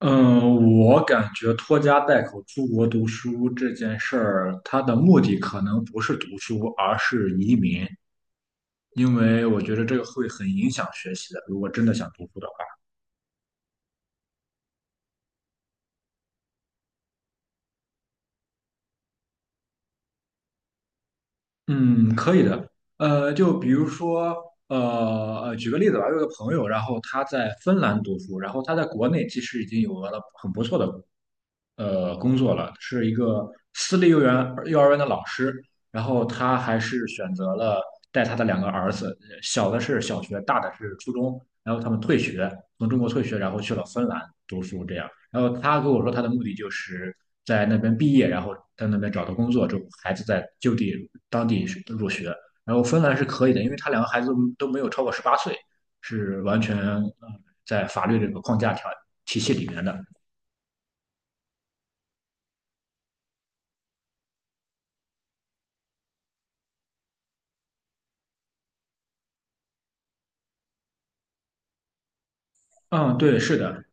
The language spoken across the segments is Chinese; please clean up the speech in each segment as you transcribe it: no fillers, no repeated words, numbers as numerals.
嗯，我感觉拖家带口出国读书这件事儿，它的目的可能不是读书，而是移民，因为我觉得这个会很影响学习的。如果真的想读书的话。嗯，可以的。就比如说，呃举个例子吧，我有个朋友，然后他在芬兰读书，然后他在国内其实已经有了很不错的工作了，是一个私立幼儿园的老师。然后他还是选择了带他的两个儿子，小的是小学，大的是初中。然后他们退学，从中国退学，然后去了芬兰读书，这样。然后他跟我说他的目的就是在那边毕业，然后在那边找到工作之后，孩子在就地当地入学。然后芬兰是可以的，因为他两个孩子都没有超过18岁，是完全在法律这个框架条体系里面的。嗯，对，是的，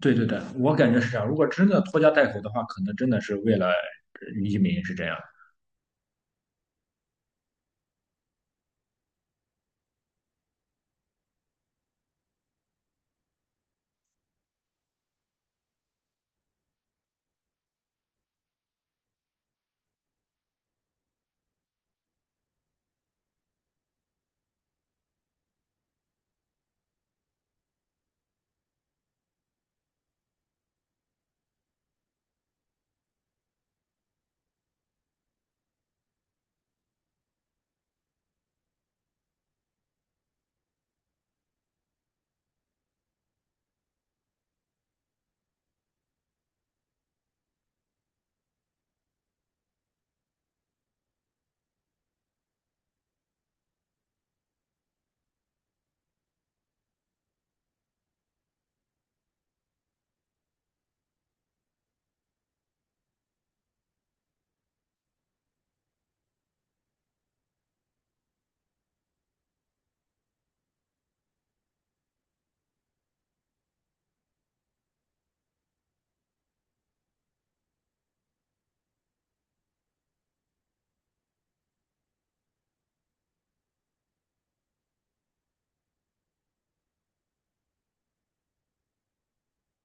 对对对，我感觉是这样。如果真的拖家带口的话，可能真的是为了移民是这样。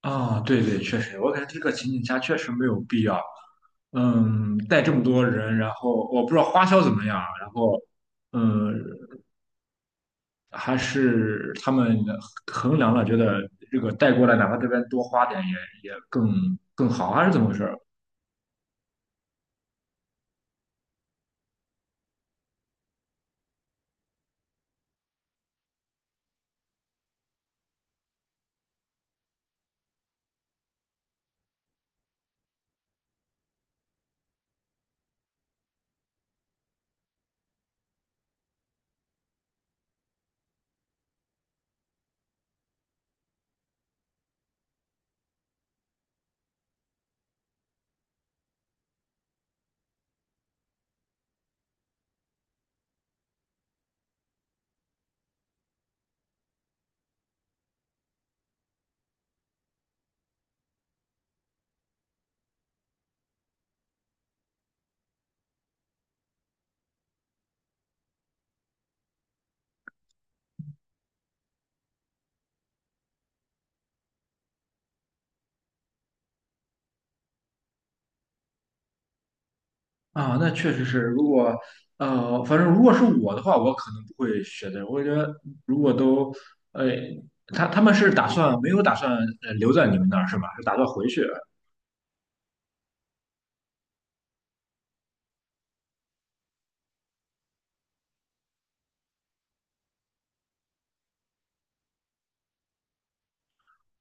啊、对对，确实，我感觉这个情景下确实没有必要。嗯，带这么多人，然后我不知道花销怎么样，然后，嗯，还是他们衡量了，觉得这个带过来，哪怕这边多花点也更好，还是怎么回事儿啊？那确实是，反正如果是我的话，我可能不会选择，我觉得如果都，呃，他们是打算没有打算留在你们那儿是吧？是打算回去啊？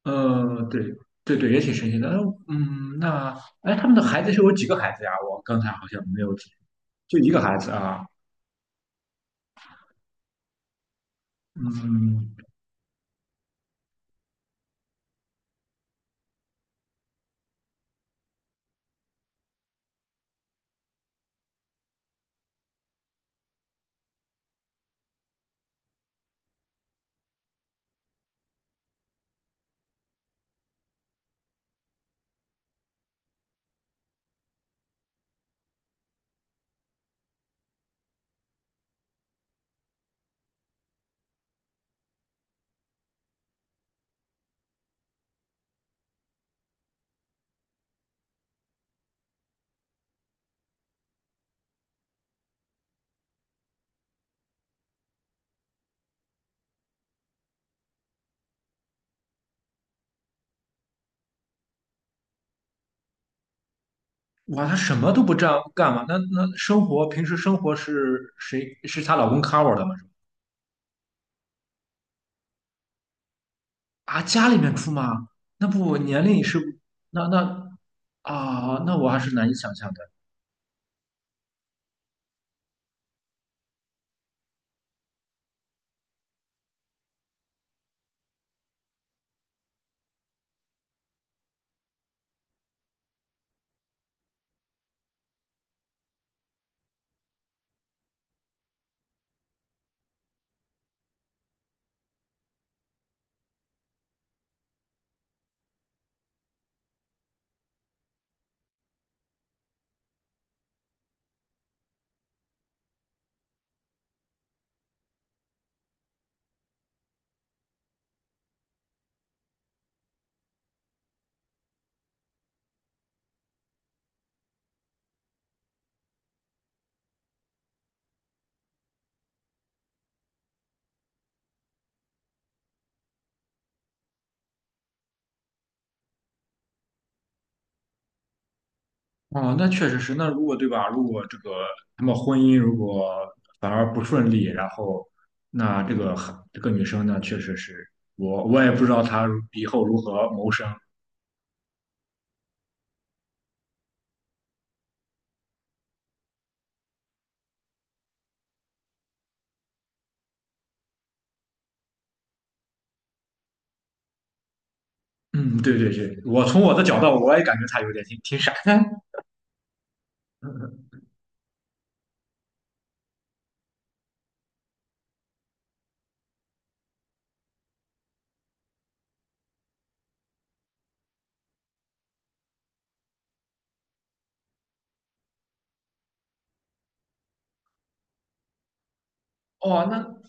对对对，也挺神奇的。那哎，他们的孩子是有几个孩子呀？我刚才好像没有记，就一个孩子啊。嗯，哇，他什么都不干干嘛？那那生活平时生活是谁是她老公 cover 的吗？是吧啊，家里面出吗？那不年龄是那啊，那我还是难以想象的。哦，那确实是。那如果对吧？如果这个他们婚姻如果反而不顺利，然后那这个孩这个女生呢，确实是我也不知道她以后如何谋生。嗯，对对对，我从我的角度，我也感觉她有点挺傻的。哦，那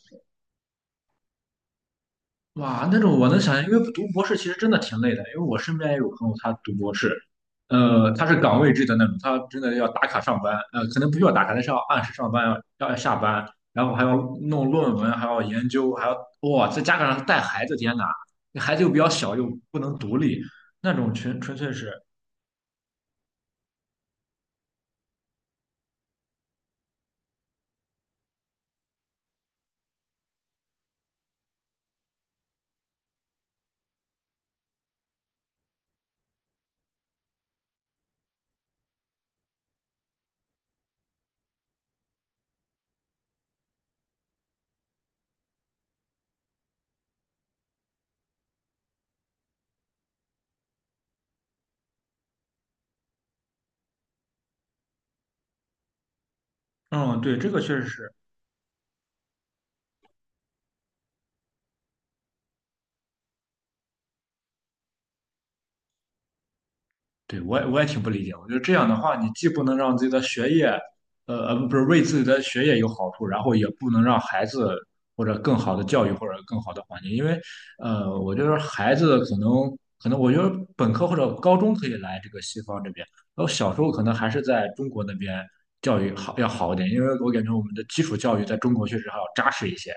哇，那种我能想象，因为读博士其实真的挺累的，因为我身边也有朋友他读博士，他是岗位制的那种，他真的要打卡上班，可能不需要打卡，但是要按时上班，要下班，然后还要弄论文，还要研究，还要哇，在加上带孩子，天呐，那孩子又比较小，又不能独立，那种纯粹是，嗯，对，这个确实是，对，我也挺不理解。我觉得这样的话，你既不能让自己的学业，不是为自己的学业有好处，然后也不能让孩子或者更好的教育或者更好的环境，因为，我觉得孩子可能，我觉得本科或者高中可以来这个西方这边，然后小时候可能还是在中国那边教育好要好一点，因为我感觉我们的基础教育在中国确实还要扎实一些。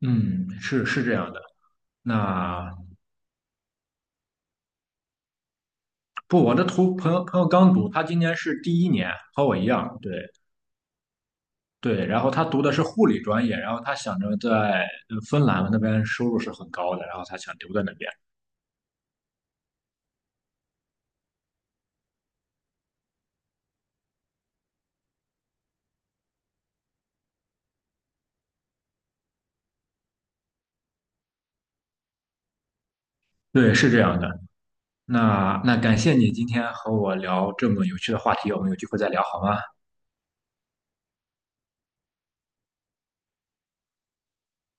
嗯，是是这样的。那不，我的图朋友朋友刚读，他今年是第一年，和我一样，对。对，然后他读的是护理专业，然后他想着在芬兰那边收入是很高的，然后他想留在那边。对，是这样的。那那感谢你今天和我聊这么有趣的话题，我们有机会再聊好吗？